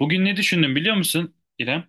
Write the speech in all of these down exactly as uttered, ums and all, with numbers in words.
Bugün ne düşündüm biliyor musun İrem?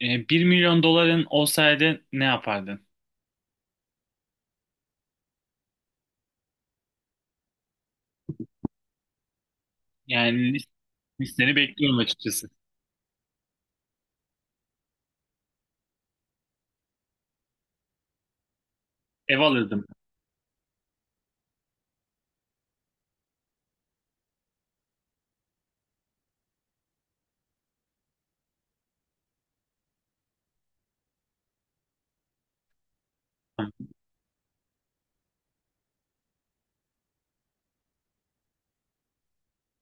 Ee, bir milyon doların olsaydı ne yapardın? Yani lis- listeni bekliyorum açıkçası. Ev alırdım.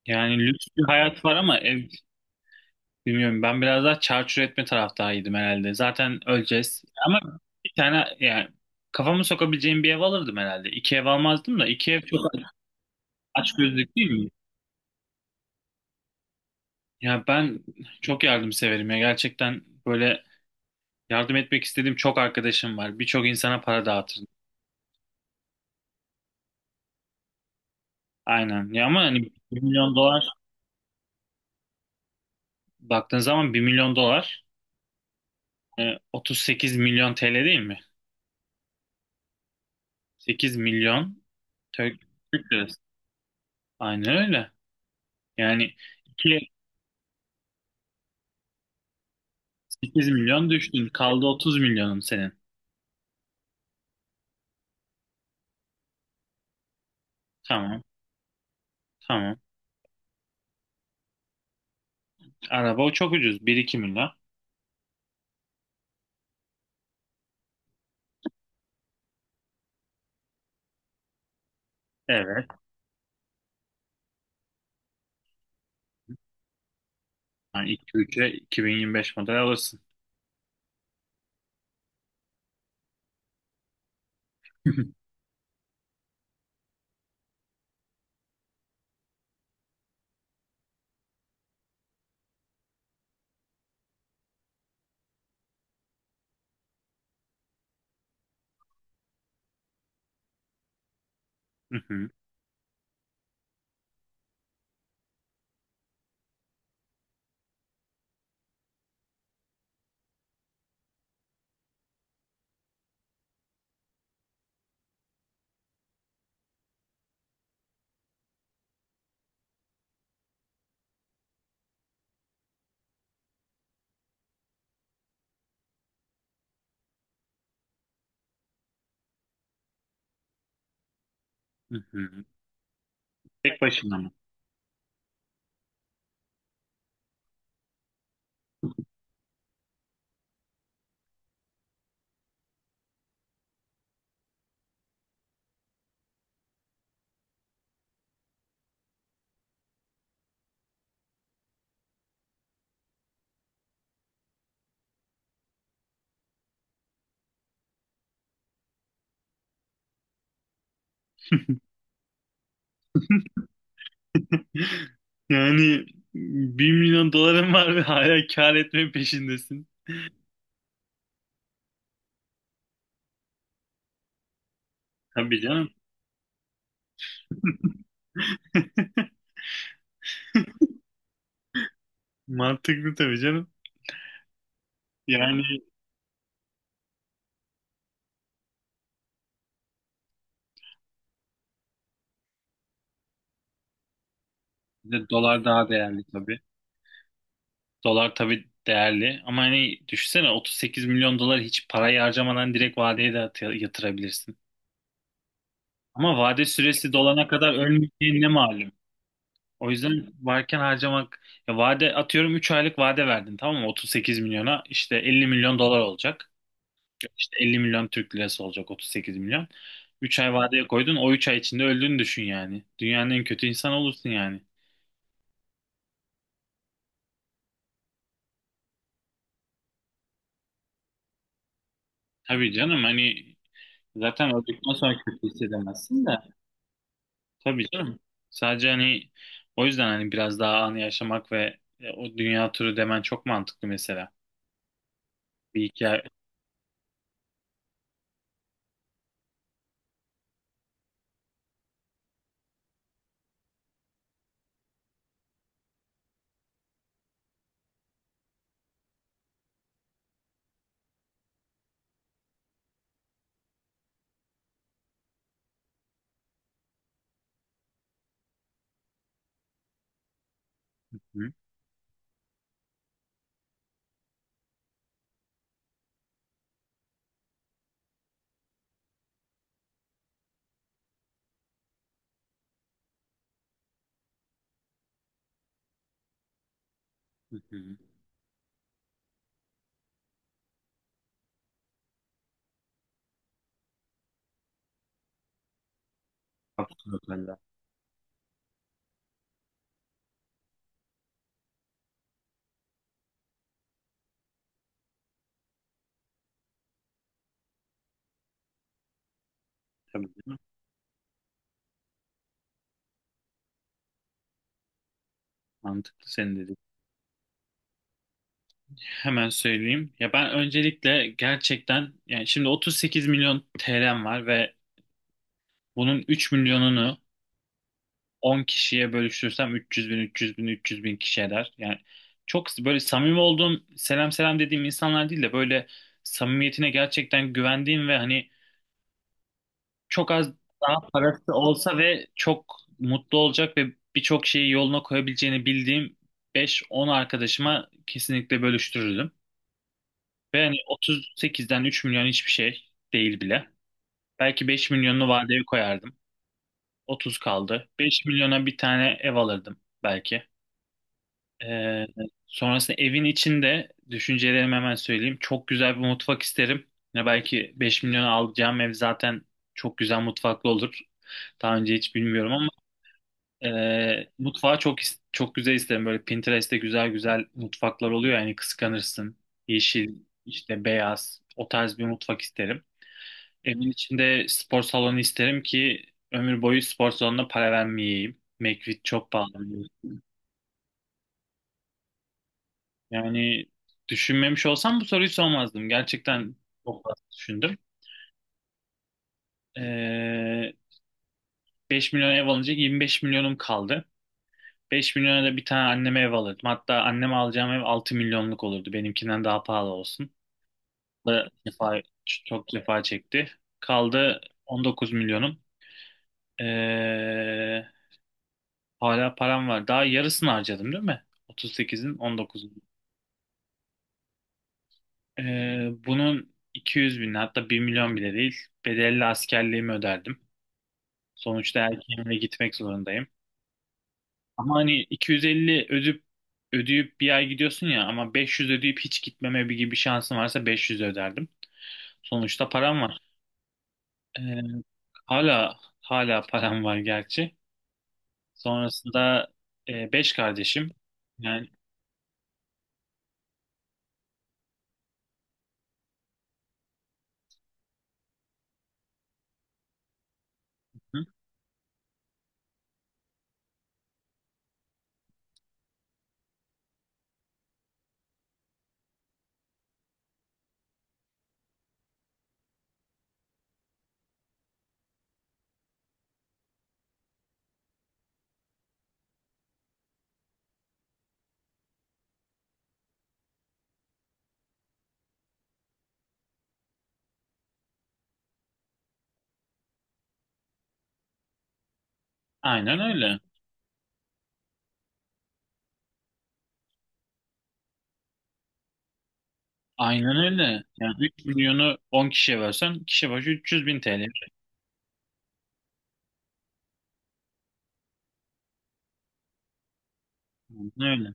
Yani lüks bir hayat var ama ev bilmiyorum. Ben biraz daha çarçur etme taraftarıydım herhalde. Zaten öleceğiz. Ama bir tane yani kafamı sokabileceğim bir ev alırdım herhalde. İki ev almazdım da iki ev çok açgözlülük değil mi? Ya ben çok yardım severim ya. Gerçekten böyle yardım etmek istediğim çok arkadaşım var. Birçok insana para dağıtırdım. Aynen. Ya ama hani bir milyon dolar baktığın zaman bir milyon dolar e, otuz sekiz milyon T L değil mi? sekiz milyon Türk, Türk lirası. Aynen öyle. Yani iki sekiz milyon düştün. Kaldı otuz milyonun senin. Tamam. Tamam. Araba o çok ucuz. bir iki milyon. Evet. Yani iki üçe iki bin yirmi beş model alırsın. Hı hı, hı hı. Tek başına mı? Yani bir milyon doların var ve hala kar etme peşindesin. Tabii canım. Mantıklı tabii canım. Yani Bir de dolar daha değerli tabii. dolar tabii değerli ama hani düşünsene otuz sekiz milyon dolar hiç parayı harcamadan direkt vadeye de atı- yatırabilirsin. Ama vade süresi dolana kadar ölmeyeceğin ne malum. O yüzden varken harcamak ya vade atıyorum üç aylık vade verdin tamam mı otuz sekiz milyona işte elli milyon dolar olacak. İşte elli milyon Türk lirası olacak otuz sekiz milyon. üç ay vadeye koydun o üç ay içinde öldüğünü düşün yani. Dünyanın en kötü insanı olursun yani. Tabii canım hani zaten öldükten sonra kötü hissedemezsin de. Tabii canım. Sadece hani o yüzden hani biraz daha anı yaşamak ve e, o dünya turu demen çok mantıklı mesela. Bir hikaye. Hı hı. hı. Absolut. Tabii canım. Mantıklı senin dediğin. Hemen söyleyeyim. Ya ben öncelikle gerçekten yani şimdi otuz sekiz milyon T L'm var ve bunun üç milyonunu on kişiye bölüştürsem üç yüz bin, üç yüz bin, üç yüz bin kişi eder. Yani çok böyle samimi olduğum, selam selam dediğim insanlar değil de böyle samimiyetine gerçekten güvendiğim ve hani çok az daha parası olsa ve çok mutlu olacak ve birçok şeyi yoluna koyabileceğini bildiğim beş on arkadaşıma kesinlikle bölüştürürdüm. Ve hani otuz sekizden üç milyon hiçbir şey değil bile. Belki beş milyonunu vadeye koyardım. otuz kaldı. beş milyona bir tane ev alırdım belki. Ee, sonrasında evin içinde düşüncelerimi hemen söyleyeyim. Çok güzel bir mutfak isterim. Ne belki beş milyona alacağım ev zaten çok güzel mutfaklı olur. Daha önce hiç bilmiyorum ama e, mutfağı çok is- çok güzel isterim. Böyle Pinterest'te güzel güzel mutfaklar oluyor yani kıskanırsın. Yeşil, işte beyaz o tarz bir mutfak isterim. Evin içinde spor salonu isterim ki ömür boyu spor salonuna para vermeyeyim. McFit çok pahalı. Yani düşünmemiş olsam bu soruyu sormazdım. Gerçekten çok fazla düşündüm. Ee, beş milyon ev alınca yirmi beş milyonum kaldı. Beş milyona da bir tane anneme ev alırdım. Hatta anneme alacağım ev altı milyonluk olurdu. Benimkinden daha pahalı olsun. Da cefa, çok cefa çekti. Kaldı on dokuz milyonum. Ee, hala param var. Daha yarısını harcadım değil mi? otuz sekizin on dokuz. Ee, bunun iki yüz bin hatta bir milyon bile değil. Bedelli askerliğimi öderdim. Sonuçta erkeğimle gitmek zorundayım. Ama hani iki yüz elli ödüp ödeyip bir ay gidiyorsun ya ama beş yüz ödeyip hiç gitmeme bir gibi bir şansım varsa beş yüz öderdim. Sonuçta param var. Ee, hala hala param var gerçi. Sonrasında e, beş kardeşim. Yani hı, aynen öyle. Aynen öyle. Yani üç milyonu on kişiye versen kişi başı üç yüz bin T L. Aynen öyle.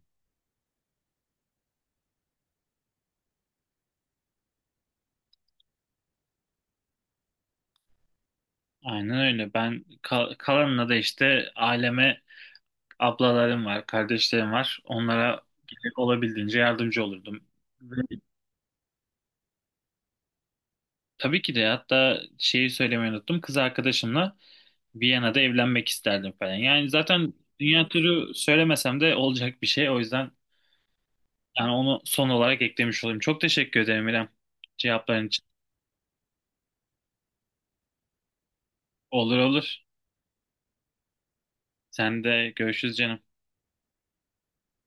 Aynen öyle. Ben kal- kalanına da işte aileme ablalarım var, kardeşlerim var. Onlara gerek olabildiğince yardımcı olurdum. Ve tabii ki de hatta şeyi söylemeyi unuttum. Kız arkadaşımla Viyana'da evlenmek isterdim falan. Yani zaten dünya turu söylemesem de olacak bir şey. O yüzden yani onu son olarak eklemiş olayım. Çok teşekkür ederim İrem cevapların için. Olur olur. Sen de görüşürüz canım.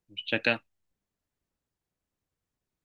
Hoşça kal.